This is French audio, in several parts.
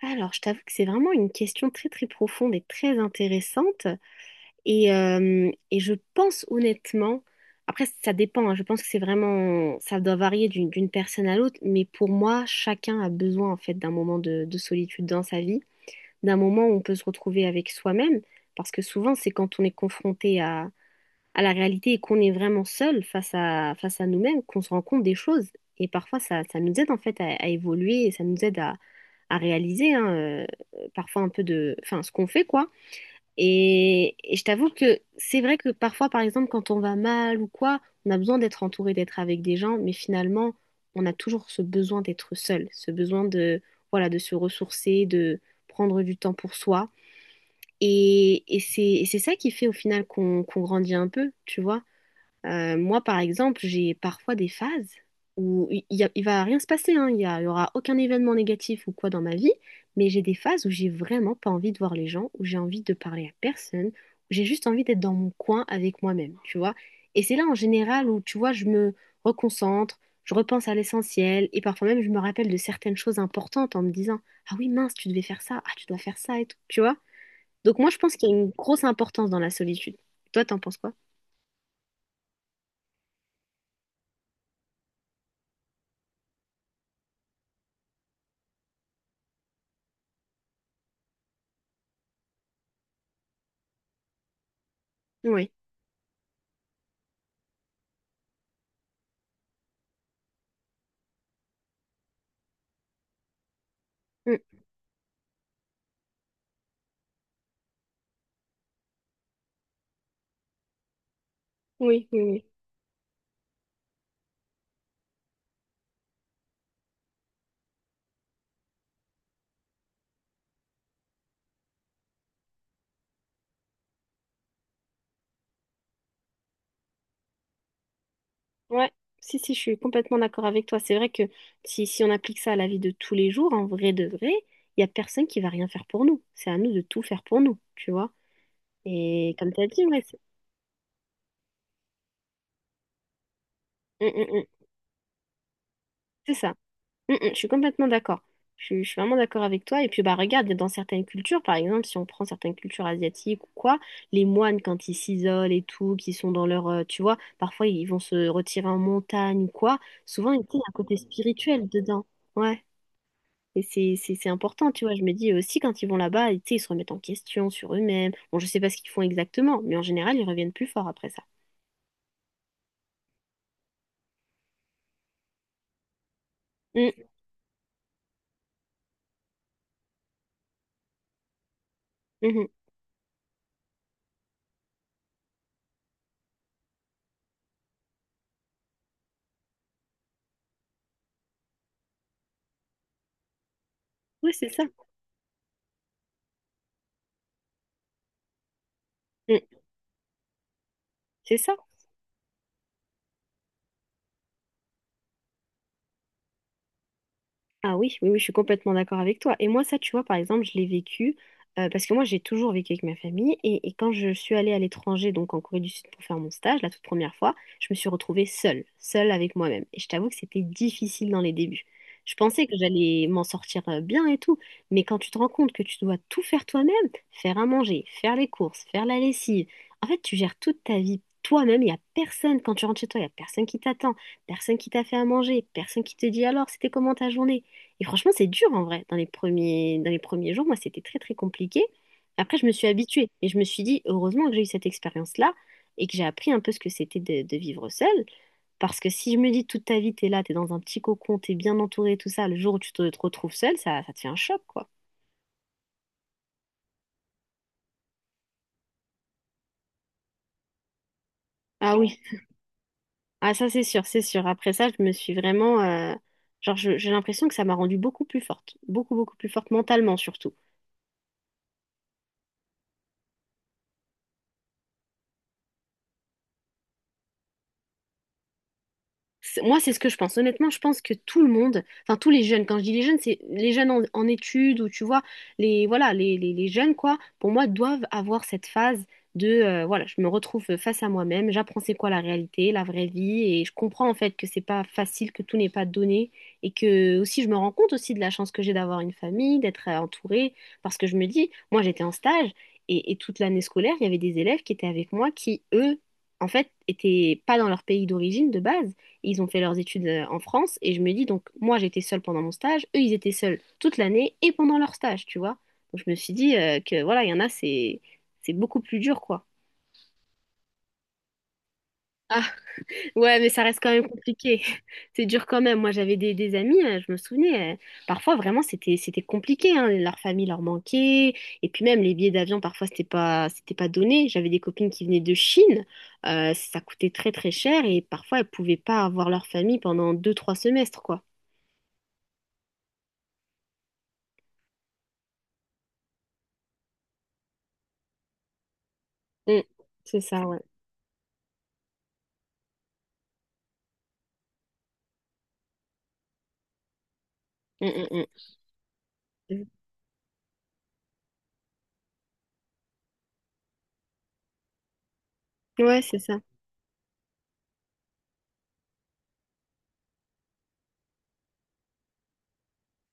Alors, je t'avoue que c'est vraiment une question très très profonde et très intéressante. Et je pense honnêtement, après ça dépend, hein, je pense que c'est vraiment, ça doit varier d'une personne à l'autre, mais pour moi, chacun a besoin en fait d'un moment de solitude dans sa vie, d'un moment où on peut se retrouver avec soi-même, parce que souvent c'est quand on est confronté à la réalité et qu'on est vraiment seul face à nous-mêmes, qu'on se rend compte des choses. Et parfois, ça nous aide en fait à évoluer et ça nous aide à réaliser hein, parfois un peu de, enfin, ce qu'on fait, quoi. Et je t'avoue que c'est vrai que parfois, par exemple, quand on va mal ou quoi, on a besoin d'être entouré, d'être avec des gens, mais finalement, on a toujours ce besoin d'être seul, ce besoin voilà, de se ressourcer, de prendre du temps pour soi. Et c'est ça qui fait au final qu'on grandit un peu, tu vois. Moi, par exemple, j'ai parfois des phases où il va rien se passer, hein, il y aura aucun événement négatif ou quoi dans ma vie, mais j'ai des phases où j'ai vraiment pas envie de voir les gens, où j'ai envie de parler à personne, où j'ai juste envie d'être dans mon coin avec moi-même, tu vois. Et c'est là, en général, où, tu vois, je me reconcentre, je repense à l'essentiel, et parfois même, je me rappelle de certaines choses importantes en me disant, ah oui, mince, tu devais faire ça, ah, tu dois faire ça et tout, tu vois. Donc moi, je pense qu'il y a une grosse importance dans la solitude. Toi, t'en penses quoi? Oui. Oui, oui, oui. Ouais, si, si, je suis complètement d'accord avec toi. C'est vrai que si, si on applique ça à la vie de tous les jours, en vrai de vrai, il n'y a personne qui va rien faire pour nous. C'est à nous de tout faire pour nous, tu vois. Et comme tu as dit, ouais, c'est hum. C'est ça. Je suis complètement d'accord. Je suis vraiment d'accord avec toi. Et puis, bah, regarde, dans certaines cultures, par exemple, si on prend certaines cultures asiatiques ou quoi, les moines, quand ils s'isolent et tout, qui sont dans leur, tu vois, parfois ils vont se retirer en montagne ou quoi, souvent, il y a un côté spirituel dedans. Ouais. Et c'est important, tu vois. Je me dis aussi, quand ils vont là-bas, tu sais, ils se remettent en question sur eux-mêmes. Bon, je sais pas ce qu'ils font exactement, mais en général, ils reviennent plus forts après ça. Mm, mhm. Oui, c'est ça. Mm, c'est ça. Ah oui, oui, oui, je suis complètement d'accord avec toi. Et moi, ça, tu vois, par exemple, je l'ai vécu parce que moi, j'ai toujours vécu avec ma famille. Et quand je suis allée à l'étranger, donc en Corée du Sud pour faire mon stage, la toute première fois, je me suis retrouvée seule, seule avec moi-même. Et je t'avoue que c'était difficile dans les débuts. Je pensais que j'allais m'en sortir bien et tout, mais quand tu te rends compte que tu dois tout faire toi-même, faire à manger, faire les courses, faire la lessive, en fait, tu gères toute ta vie toi-même. Il n'y a personne, quand tu rentres chez toi, il n'y a personne qui t'attend, personne qui t'a fait à manger, personne qui te dit alors, c'était comment ta journée? Et franchement, c'est dur en vrai. Dans les premiers jours, moi, c'était très, très compliqué. Après, je me suis habituée et je me suis dit, heureusement que j'ai eu cette expérience-là et que j'ai appris un peu ce que c'était de vivre seule. Parce que si je me dis toute ta vie, t'es là, t'es dans un petit cocon, t'es bien entourée, tout ça, le jour où te retrouves seule, ça te fait un choc, quoi. Ah oui, ah ça c'est sûr, c'est sûr. Après ça, je me suis vraiment, genre, j'ai l'impression que ça m'a rendue beaucoup plus forte, beaucoup, beaucoup plus forte mentalement surtout. C'est- Moi, c'est ce que je pense. Honnêtement, je pense que tout le monde, enfin tous les jeunes, quand je dis les jeunes, c'est les jeunes en études ou tu vois, les voilà, les jeunes quoi, pour moi, doivent avoir cette phase de voilà, je me retrouve face à moi-même, j'apprends c'est quoi la réalité, la vraie vie, et je comprends en fait que c'est pas facile, que tout n'est pas donné, et que aussi je me rends compte aussi de la chance que j'ai d'avoir une famille, d'être entourée, parce que je me dis, moi j'étais en stage et toute l'année scolaire, il y avait des élèves qui étaient avec moi qui, eux, en fait, étaient pas dans leur pays d'origine de base. Ils ont fait leurs études en France et je me dis donc moi j'étais seule pendant mon stage, eux ils étaient seuls toute l'année et pendant leur stage, tu vois. Donc je me suis dit que voilà, il y en a c'est beaucoup plus dur quoi. Ah ouais, mais ça reste quand même compliqué. C'est dur quand même. Moi j'avais des amis, je me souvenais, parfois vraiment c'était compliqué hein. Leur famille leur manquait et puis même les billets d'avion parfois c'était pas donné. J'avais des copines qui venaient de Chine. Ça coûtait très très cher et parfois elles pouvaient pas avoir leur famille pendant deux trois semestres quoi. Mm. C'est ça, ouais. Mm, mm, mm. Ouais, c'est ça.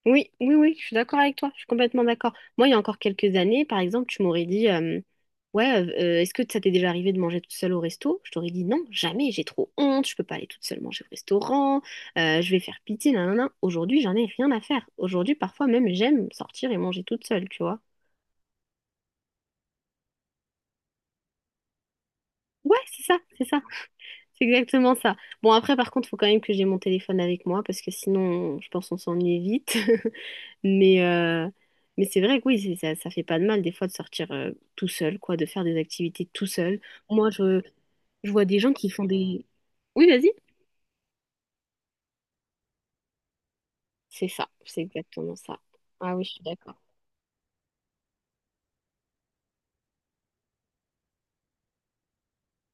Oui, oui, oui, je suis d'accord avec toi. Je suis complètement d'accord. Moi, il y a encore quelques années, par exemple, tu m'aurais dit, ouais, est-ce que ça t'est déjà arrivé de manger toute seule au resto? Je t'aurais dit non, jamais, j'ai trop honte, je peux pas aller toute seule manger au restaurant, je vais faire pitié, nanana. Aujourd'hui, j'en ai rien à faire. Aujourd'hui, parfois même, j'aime sortir et manger toute seule, tu vois. Ouais, c'est ça, c'est ça. C'est exactement ça. Bon, après, par contre, il faut quand même que j'ai mon téléphone avec moi parce que sinon, je pense qu'on s'ennuie vite. Mais, euh, mais c'est vrai que oui, c'est- ça fait pas de mal des fois de sortir tout seul, quoi, de faire des activités tout seul. Moi, je, je vois des gens qui font des... Oui, vas-y. C'est ça, c'est exactement ça. Ah oui, je suis d'accord.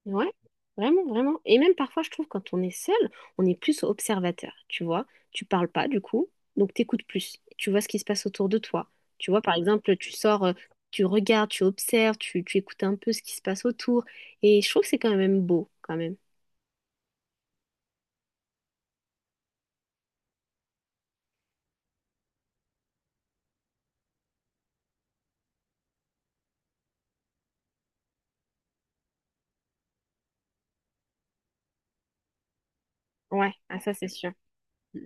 Ouais, vraiment, vraiment. Et même parfois, je trouve, quand on est seul, on est plus observateur, tu vois. Tu parles pas, du coup, donc t'écoutes plus. Tu vois ce qui se passe autour de toi. Tu vois, par exemple, tu sors, tu regardes, tu observes, tu écoutes un peu ce qui se passe autour. Et je trouve que c'est quand même beau, quand même. Ouais, ah, ça, c'est sûr. Mm,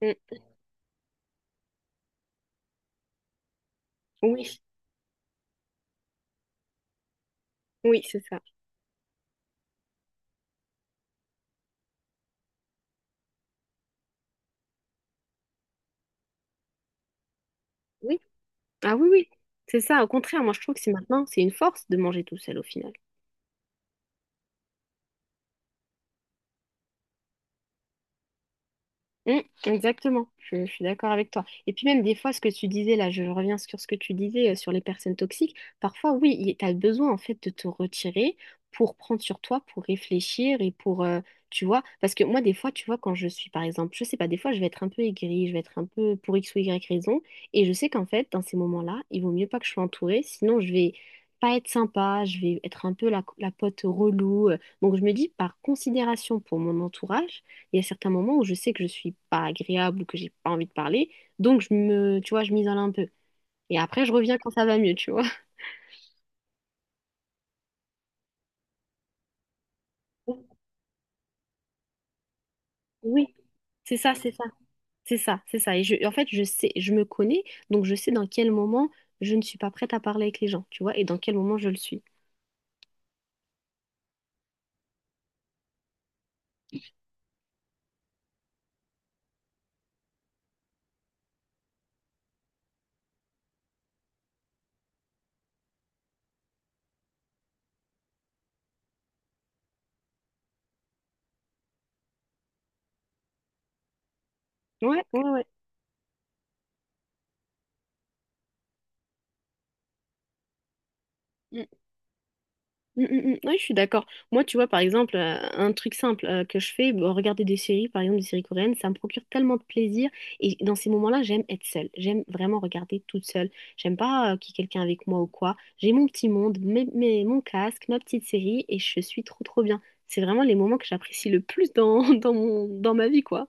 mm, mm. Oui, oui, c'est ça. Oui. Ah oui, oui. C'est ça, au contraire, moi, je trouve que c'est maintenant, c'est une force de manger tout seul, au final. Mm, exactement, je suis d'accord avec toi. Et puis même des fois, ce que tu disais là, je reviens sur ce que tu disais sur les personnes toxiques, parfois oui, tu as besoin en fait de te retirer pour prendre sur toi, pour réfléchir et pour, tu vois, parce que moi des fois, tu vois, quand je suis par exemple, je sais pas, des fois je vais être un peu aigrie, je vais être un peu pour X ou Y raison, et je sais qu'en fait, dans ces moments-là, il vaut mieux pas que je sois entourée, sinon je vais pas être sympa, je vais être un peu la pote relou. Donc je me dis, par considération pour mon entourage, il y a certains moments où je sais que je suis pas agréable ou que j'ai pas envie de parler, donc tu vois, je m'isole un peu. Et après, je reviens quand ça va mieux, tu vois. Oui, c'est ça, c'est ça, c'est ça, c'est ça. En fait, je sais, je me connais, donc je sais dans quel moment je ne suis pas prête à parler avec les gens, tu vois, et dans quel moment je le suis. Ouais, ouais, ouais. Mm, mm, mm. Ouais, je suis d'accord. Moi, tu vois, par exemple, un truc simple que je fais, bon, regarder des séries, par exemple des séries coréennes, ça me procure tellement de plaisir. Et dans ces moments-là, j'aime être seule. J'aime vraiment regarder toute seule. J'aime pas qu'il y ait quelqu'un avec moi ou quoi. J'ai mon petit monde, mon casque, ma petite série, et je suis trop, trop bien. C'est vraiment les moments que j'apprécie le plus dans, dans ma vie, quoi.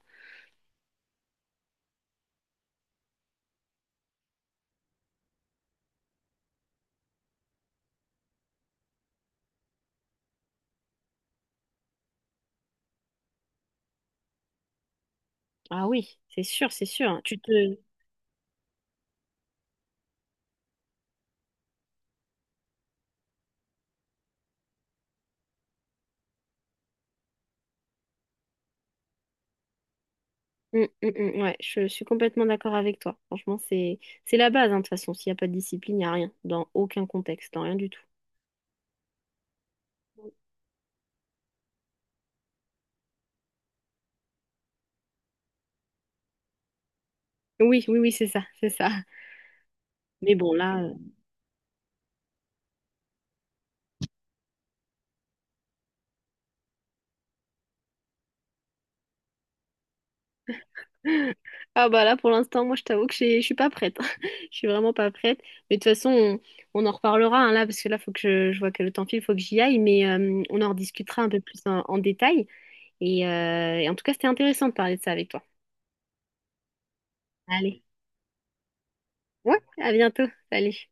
Ah oui, c'est sûr, c'est sûr. Mm, mm, mm, ouais, je suis complètement d'accord avec toi. Franchement, c'est la base, hein, de toute façon. S'il n'y a pas de discipline, il n'y a rien, dans aucun contexte, dans rien du tout. Oui, oui, oui, c'est ça, c'est ça. Mais bon, là, euh, ah bah là, pour l'instant, moi, je t'avoue que j'ai- je suis pas prête. Je suis vraiment pas prête. Mais de toute façon, on en reparlera hein, là, parce que là, faut que je vois que le temps file, faut que j'y aille, mais on en rediscutera un peu plus en détail. Et en tout cas, c'était intéressant de parler de ça avec toi. Allez, ouais, à bientôt. Salut.